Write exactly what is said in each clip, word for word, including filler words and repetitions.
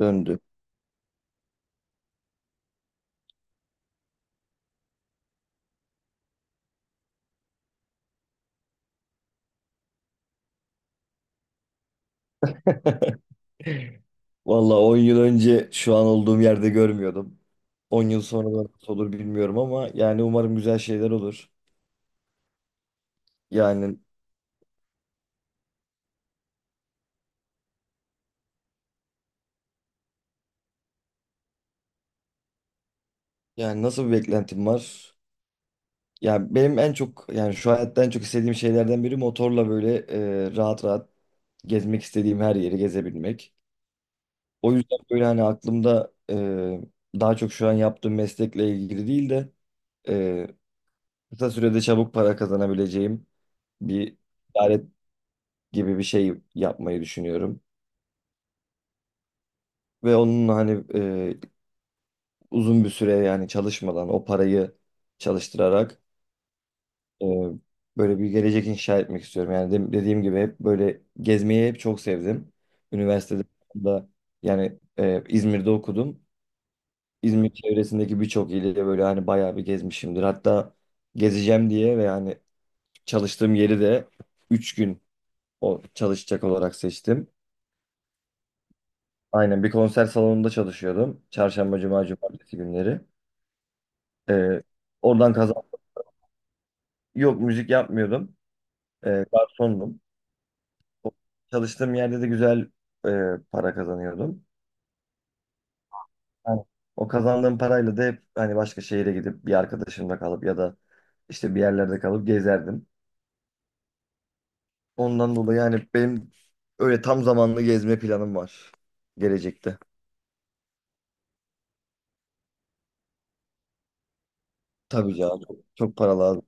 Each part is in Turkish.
Döndü. Valla on yıl önce şu an olduğum yerde görmüyordum. On yıl sonra da nasıl olur bilmiyorum ama yani umarım güzel şeyler olur. Yani yani nasıl bir beklentim var? Yani benim en çok yani şu hayatta en çok istediğim şeylerden biri motorla böyle e, rahat rahat gezmek istediğim her yeri gezebilmek. O yüzden böyle hani aklımda e, daha çok şu an yaptığım meslekle ilgili değil de e, kısa sürede çabuk para kazanabileceğim bir ticaret gibi bir şey yapmayı düşünüyorum. Ve onun hani e, uzun bir süre yani çalışmadan o parayı çalıştırarak e, böyle bir gelecek inşa etmek istiyorum. Yani de- dediğim gibi hep böyle gezmeyi hep çok sevdim. Üniversitede de yani e, İzmir'de okudum. İzmir çevresindeki birçok ili de böyle hani bayağı bir gezmişimdir. Hatta gezeceğim diye ve yani çalıştığım yeri de üç gün o çalışacak olarak seçtim. Aynen, bir konser salonunda çalışıyordum. Çarşamba, cuma, cumartesi günleri. Ee, oradan kazan. Yok, müzik yapmıyordum. Ee, garsondum. O- Çalıştığım yerde de güzel e, para kazanıyordum. Aynen. O kazandığım parayla da hep hani başka şehire gidip bir arkadaşımla kalıp ya da işte bir yerlerde kalıp gezerdim. Ondan dolayı yani benim öyle tam zamanlı gezme planım var gelecekte. Tabii canım, çok, çok para lazım.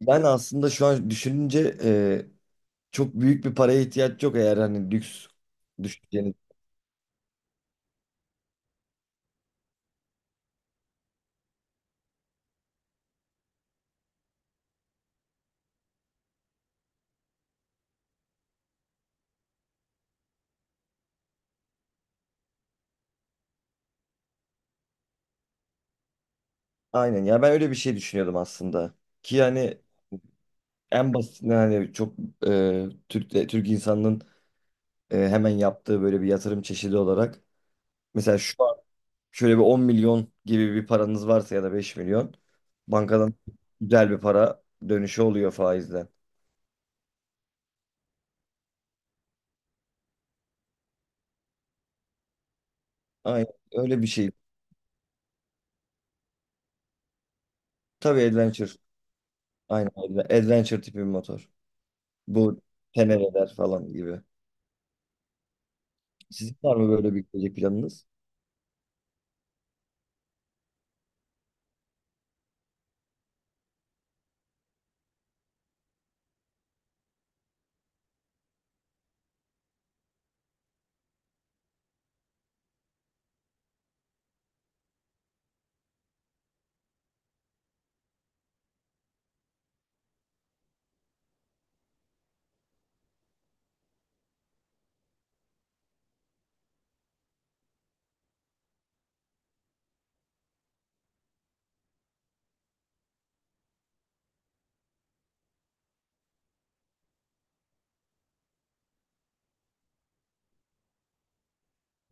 Ben aslında şu an düşününce çok büyük bir paraya ihtiyaç yok eğer hani lüks düşünceniz. Aynen ya, ben öyle bir şey düşünüyordum aslında. Ki hani en basitinden hani çok e, Türk de- Türk insanının e, hemen yaptığı böyle bir yatırım çeşidi olarak mesela şu an şöyle bir on milyon gibi bir paranız varsa ya da beş milyon bankadan güzel bir para dönüşü oluyor faizden. Aynen öyle bir şey. Tabii, adventure. Aynen, adve- adventure tipi bir motor. Bu tenereler falan gibi. Sizin var mı böyle bir gelecek planınız?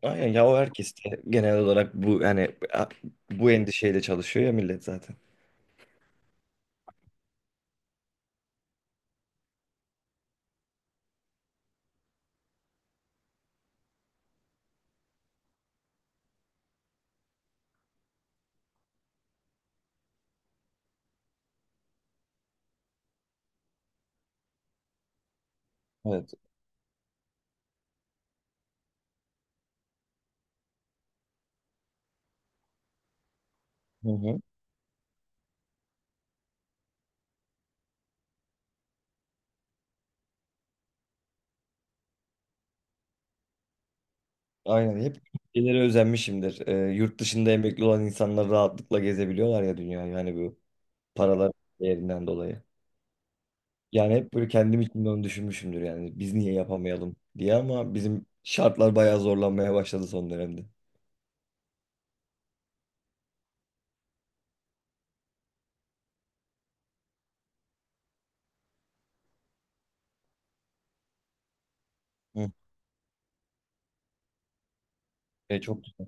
Aynen ya, o herkes de genel olarak bu yani a- bu endişeyle çalışıyor ya millet zaten. Evet. Hı hı. Aynen, hep ülkelere özenmişimdir. Ee, yurt dışında emekli olan insanlar rahatlıkla gezebiliyorlar ya dünya, yani bu paralar değerinden dolayı. Yani hep böyle kendim için de onu düşünmüşümdür, yani biz niye yapamayalım diye, ama bizim şartlar bayağı zorlanmaya başladı son dönemde. Hı. E, çok güzel.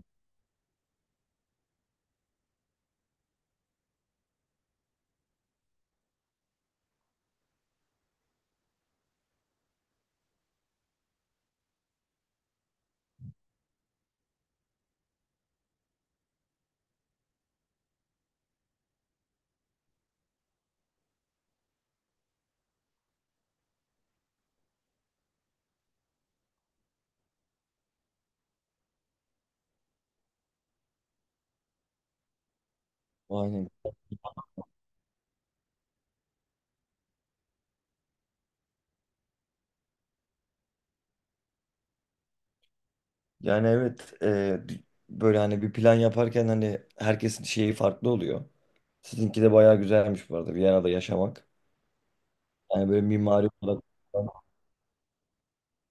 Aynen. Yani evet, e, böyle hani bir plan yaparken hani herkesin şeyi farklı oluyor. Sizinki de bayağı güzelmiş bu arada, Viyana'da yaşamak. Yani böyle mimari olarak.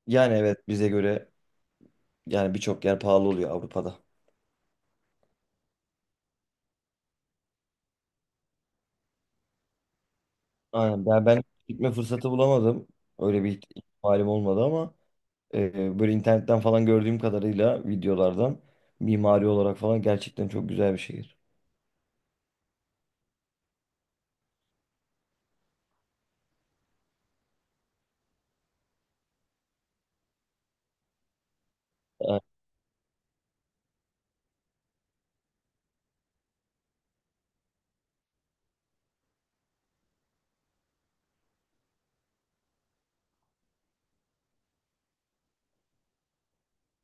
Yani evet, bize göre yani birçok yer pahalı oluyor Avrupa'da. Aynen, ben, ben gitme fırsatı bulamadım. Öyle bir ihtimalim olmadı ama e, böyle internetten falan gördüğüm kadarıyla videolardan mimari olarak falan gerçekten çok güzel bir şehir.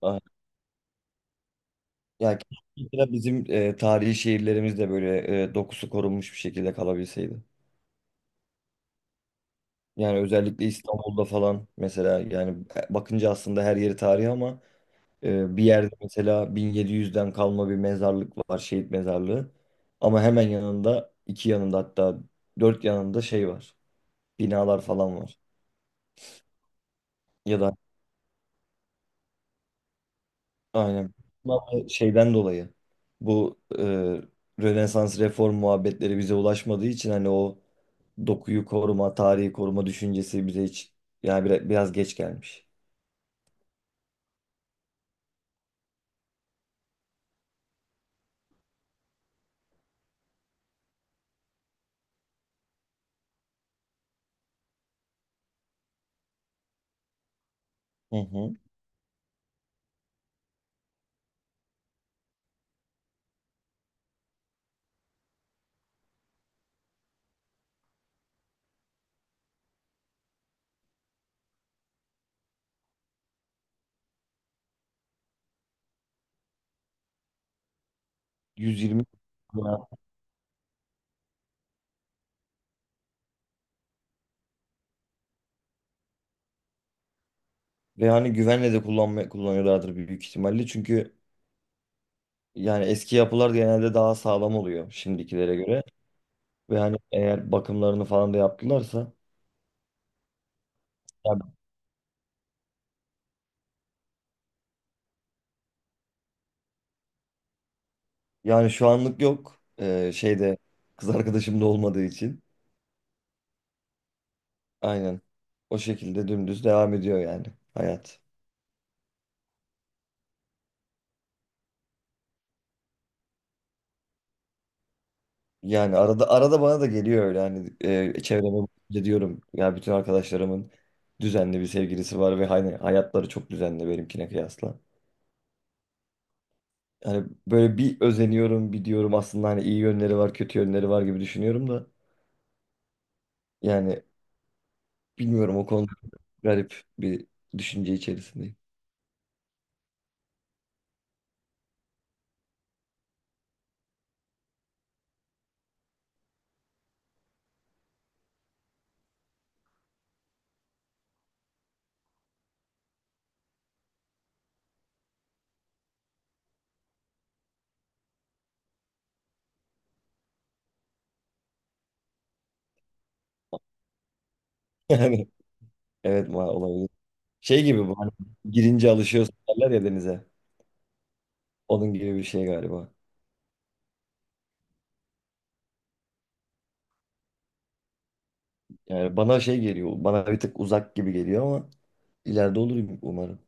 Aynen. Ya keşke bizim e, tarihi şehirlerimiz de böyle e, dokusu korunmuş bir şekilde kalabilseydi. Yani özellikle İstanbul'da falan mesela, yani bakınca aslında her yeri tarihi ama e, bir yerde mesela bin yedi yüzden kalma bir mezarlık var, şehit mezarlığı. Ama hemen yanında, iki yanında, hatta dört yanında şey var. Binalar falan var. Ya da. Aynen. Ama şeyden dolayı bu e, Rönesans reform muhabbetleri bize ulaşmadığı için hani o dokuyu koruma, tarihi koruma düşüncesi bize hiç yani biraz, biraz geç gelmiş. Hı hı. yüz yirmi. Ve hani güvenle de kullanma, kullanıyorlardır büyük ihtimalle. Çünkü yani eski yapılar genelde daha sağlam oluyor şimdikilere göre. Ve hani eğer bakımlarını falan da yaptılarsa yani, yani şu anlık yok. Ee, şeyde kız arkadaşım da olmadığı için. Aynen. O şekilde dümdüz devam ediyor yani hayat. Yani arada arada bana da geliyor öyle hani e, çevreme bakınca diyorum ya bütün arkadaşlarımın düzenli bir sevgilisi var ve hani hayatları çok düzenli benimkine kıyasla. Yani böyle bir özeniyorum, bir diyorum, aslında hani iyi yönleri var, kötü yönleri var gibi düşünüyorum da yani bilmiyorum, o konuda garip bir düşünce içerisindeyim. Yani evet, ma olabilir. Şey gibi bu hani, girince alışıyorsun derler ya denize. Onun gibi bir şey galiba. Yani bana şey geliyor, bana bir tık uzak gibi geliyor ama ileride olur umarım.